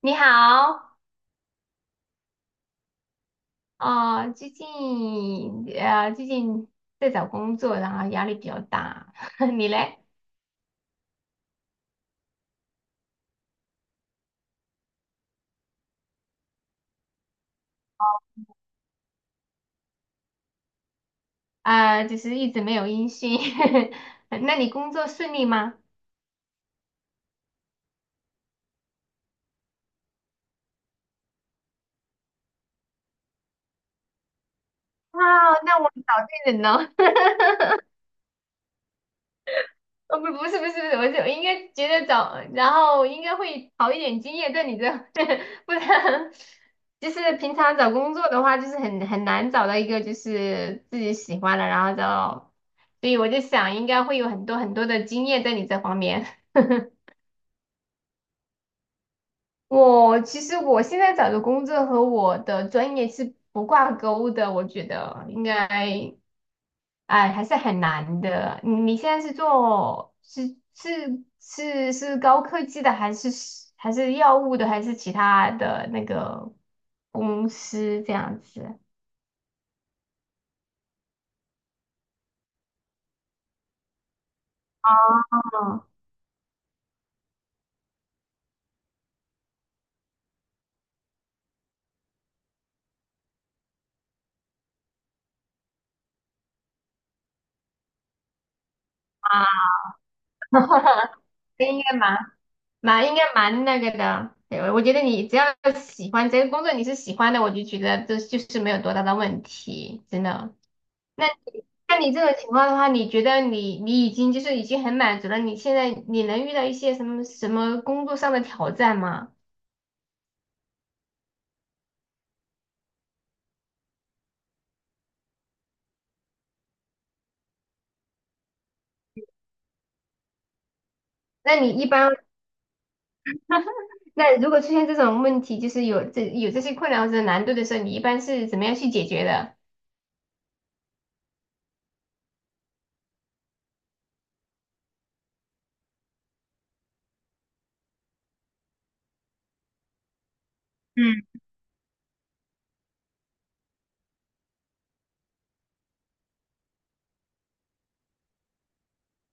你好，啊、最近最近在找工作，然后压力比较大。你嘞？就是一直没有音讯。那你工作顺利吗？哇，那我找对人了。哦，不，不是，不是，不是，我就应该觉得找，然后应该会好一点经验在你这，不然就是平常找工作的话，就是很难找到一个就是自己喜欢的，然后找，所以我就想应该会有很多很多的经验在你这方面。其实我现在找的工作和我的专业是不挂钩的，我觉得应该。哎，还是很难的。你现在是做是是是是高科技的，还是药物的，还是其他的那个公司这样子？嗯，应该蛮应该蛮那个的。对，我觉得你只要喜欢这个工作，你是喜欢的，我就觉得这就是没有多大的问题，真的。那那你这种情况的话，你觉得你已经就是已经很满足了，你现在能遇到一些什么什么工作上的挑战吗？那你一般，那如果出现这种问题，就是有这些困难或者难度的时候，你一般是怎么样去解决的？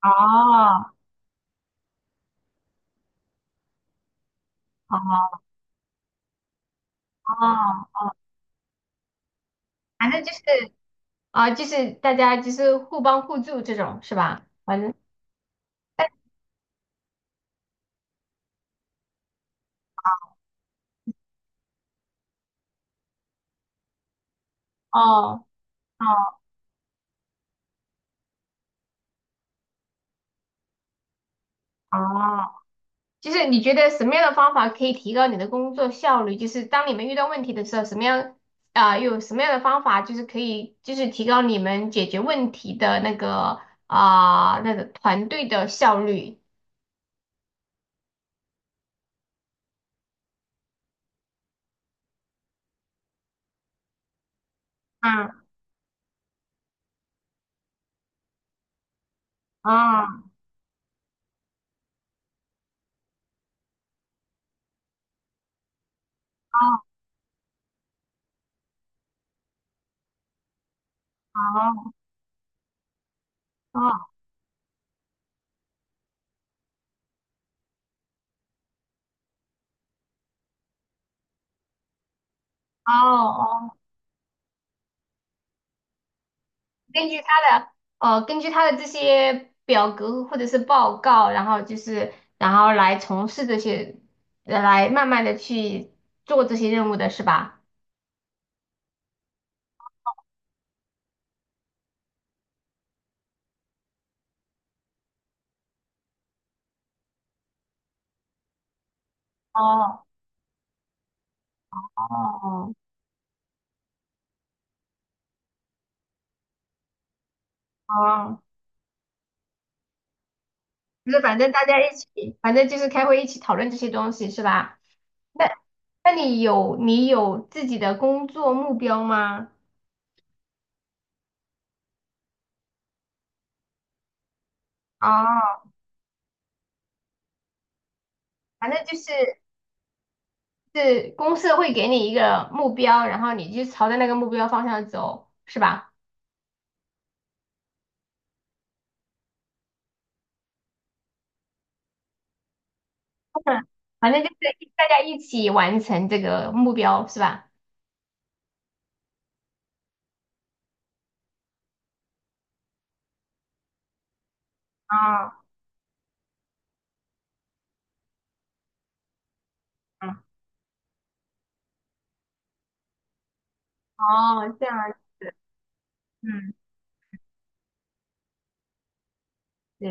哦哦哦，反正就是大家就是互帮互助这种是吧？反正哦。哦。哦。就是你觉得什么样的方法可以提高你的工作效率？就是当你们遇到问题的时候，什么样啊、有什么样的方法就是可以就是提高你们解决问题的那个那个团队的效率？嗯嗯哦哦哦哦，根据他的根据他的这些表格或者是报告，然后来从事这些，来慢慢的去做这些任务的是吧？哦哦哦，就是反正开会一起讨论这些东西是吧？那那你有自己的工作目标吗？哦，反正是公司会给你一个目标，然后你就朝着那个目标方向走，是吧？嗯反正就是大家一起完成这个目标，是吧？啊，嗯，哦，这样，嗯，对，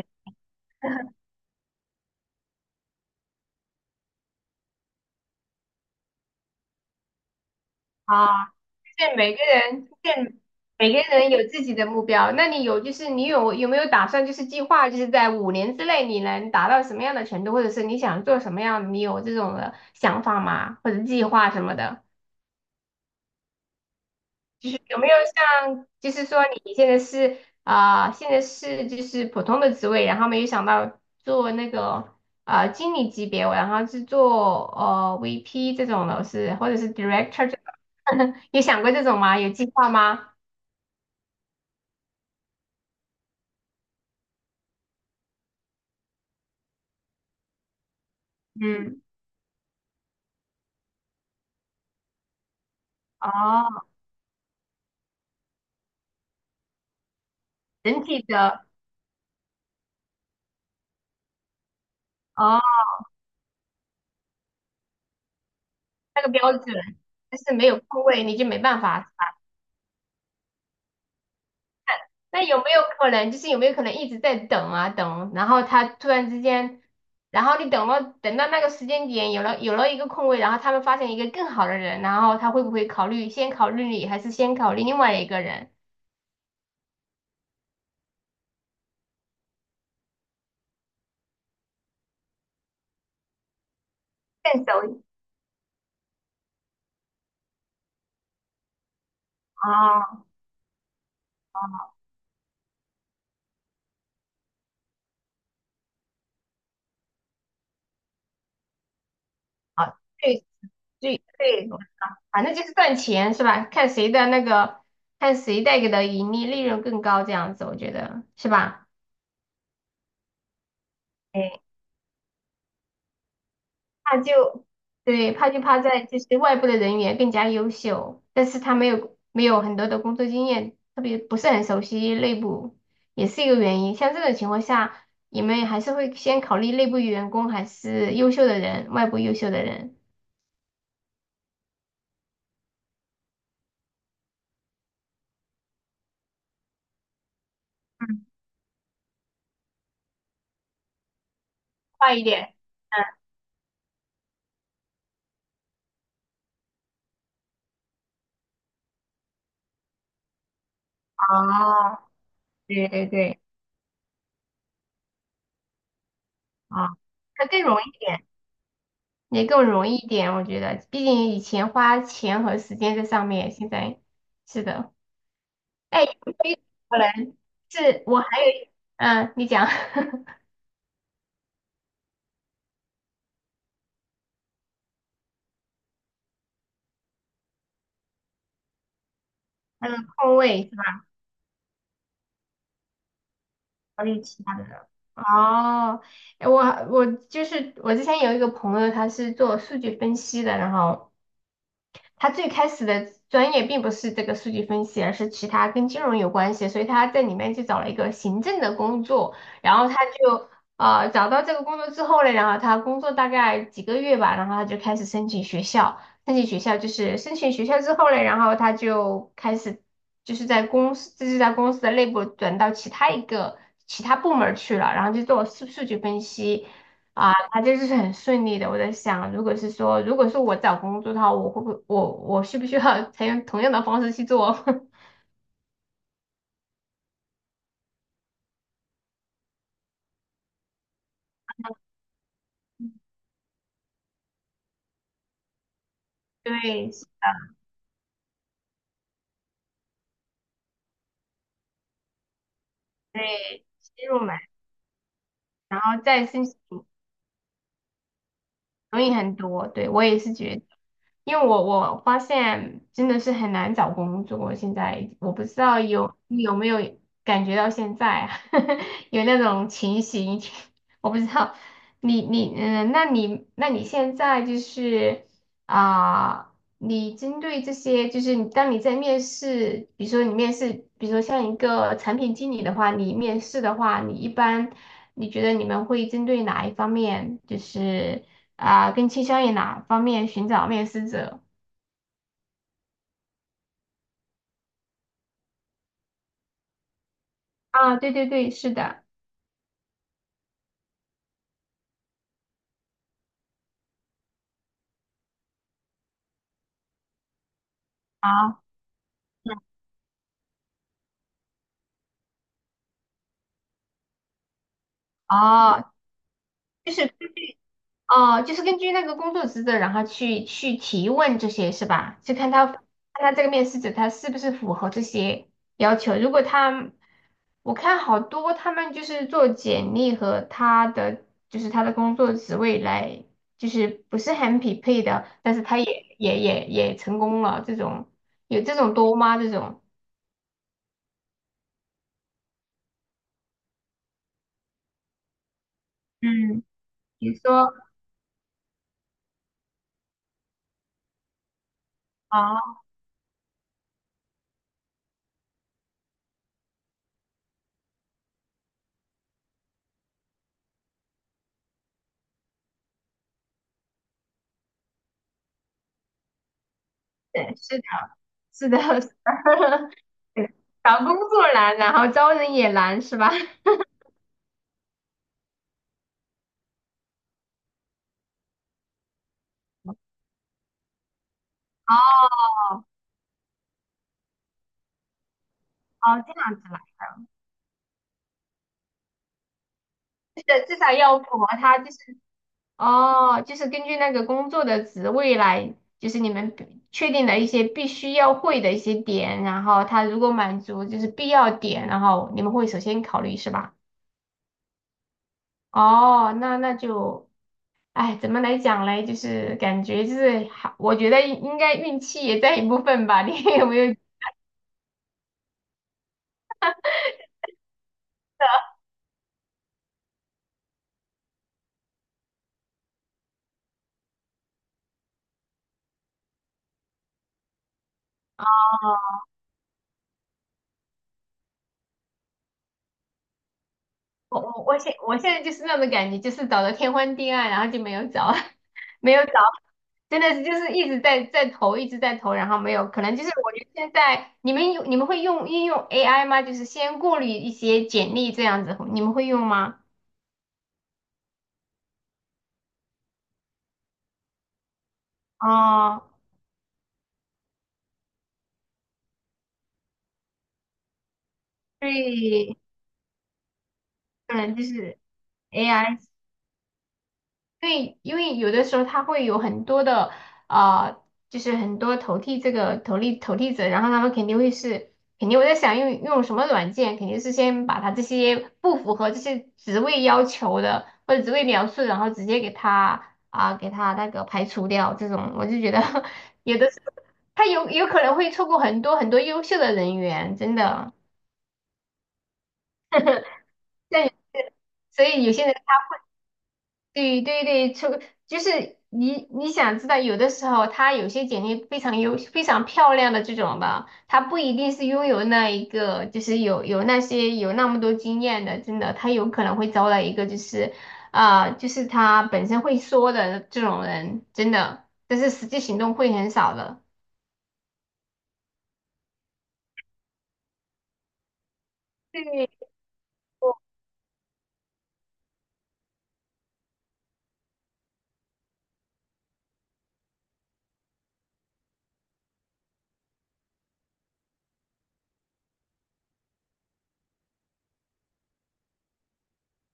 啊。对，每个人，对，每个人有自己的目标。那你有没有打算，就是计划，就是在5年之内你能达到什么样的程度，或者是你想做什么样的，你有这种的想法吗？或者计划什么的？就是有没有像，就是说你现在是啊、现在是就是普通的职位，然后没有想到做那个经理级别，然后是做VP 这种的，或者是 director 这种，有想过这种吗？有计划吗？嗯。哦，整体的哦，那个标准就是没有空位，你就没办法。那有没有可能一直在等啊等，然后他突然之间，然后你等了等到那个时间点，有了一个空位，然后他们发现一个更好的人，然后他会不会先考虑你，还是先考虑另外一个人？更熟悉哦，好，对对对，反正就是赚钱是吧？看谁带给的盈利利润更高，这样子我觉得是吧？怕就对，怕就怕在就是外部的人员更加优秀，但是他没有很多的工作经验，特别不是很熟悉内部，也是一个原因。像这种情况下，你们还是会先考虑内部员工还是优秀的人，外部优秀的人。嗯，快一点。嗯，哦，对对对，啊、那更容易一点，也更容易一点，我觉得，毕竟以前花钱和时间在上面，现在是的。哎，可能是我还有，你讲，嗯，空位是吧？还有其他的人哦，我我就是我之前有一个朋友，他是做数据分析的，然后他最开始的专业并不是这个数据分析，而是其他跟金融有关系，所以他在里面就找了一个行政的工作，然后他就找到这个工作之后呢，然后他工作大概几个月吧，然后他就开始申请学校，申请学校之后呢，然后他就开始在公司的内部转到其他部门儿去了，然后就做数据分析。啊，啊，就是很顺利的。我在想，如果是说，如果是我找工作的话，我需不需要 采用同样的方式去做？对，对，先入门，然后再申请。容易很多。对，我也是觉得，因为我发现真的是很难找工作，现在我不知道你有没有感觉到现在啊 有那种情形，我不知道你那你现在就是啊。你针对这些，就是当你在面试，比如说像一个产品经理的话，你面试的话，你一般你觉得你们会针对哪一方面？就是更倾向于哪方面寻找面试者？啊，对对对，是的，啊，哦，就是哦，就是根据那个工作职责，然后去提问这些是吧？就看他这个面试者他是不是符合这些要求。如果他，我看好多他们就是做简历和他的工作职位来，就是不是很匹配的，但是他也成功了，这种有这种多吗？这种嗯。比如说。哦，对，是的，是的，是的 找工作难，然后招人也难，是吧？哦，哦，这样子啦，就是至少要符合他，就是根据那个工作的职位来，就是你们比确定的一些必须要会的一些点，然后他如果满足就是必要点，然后你们会首先考虑，是吧？哦，那那就，哎，怎么来讲嘞？就是感觉就是，还我觉得应该运气也在一部分吧。你 有没有？我现在就是那种感觉，就是找的天昏地暗，然后就没有找，没有找，真的是就是一直在投，一直在投，然后没有，可能就是我觉得现在你们会运用 AI 吗？就是先过滤一些简历这样子，你们会用吗？哦，对，可能就是 AI。对，因为有的时候他会有很多的啊、呃就是很多投递这个投递者，然后他们肯定肯定我在想用什么软件，肯定是先把他这些不符合这些职位要求的或者职位描述，然后直接给他那个排除掉。这种我就觉得 有的时候他有可能会错过很多很多优秀的人员，真的。但所以有些人。对对对，就是你想知道，有的时候他有些简历非常漂亮的这种的，他不一定是拥有那一个，就是有那些有那么多经验的，真的，他有可能会招来一个就是他本身会说的这种人，真的，但是实际行动会很少的。对，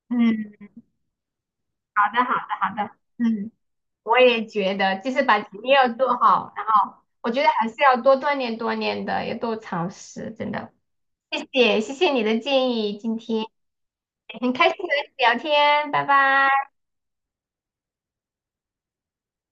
嗯，好的，好的，好的，嗯。我也觉得，就是把前面要做好，然后我觉得还是要多锻炼锻炼的，要多尝试，真的。谢谢，谢谢你的建议，今天很开心和你聊天，拜拜。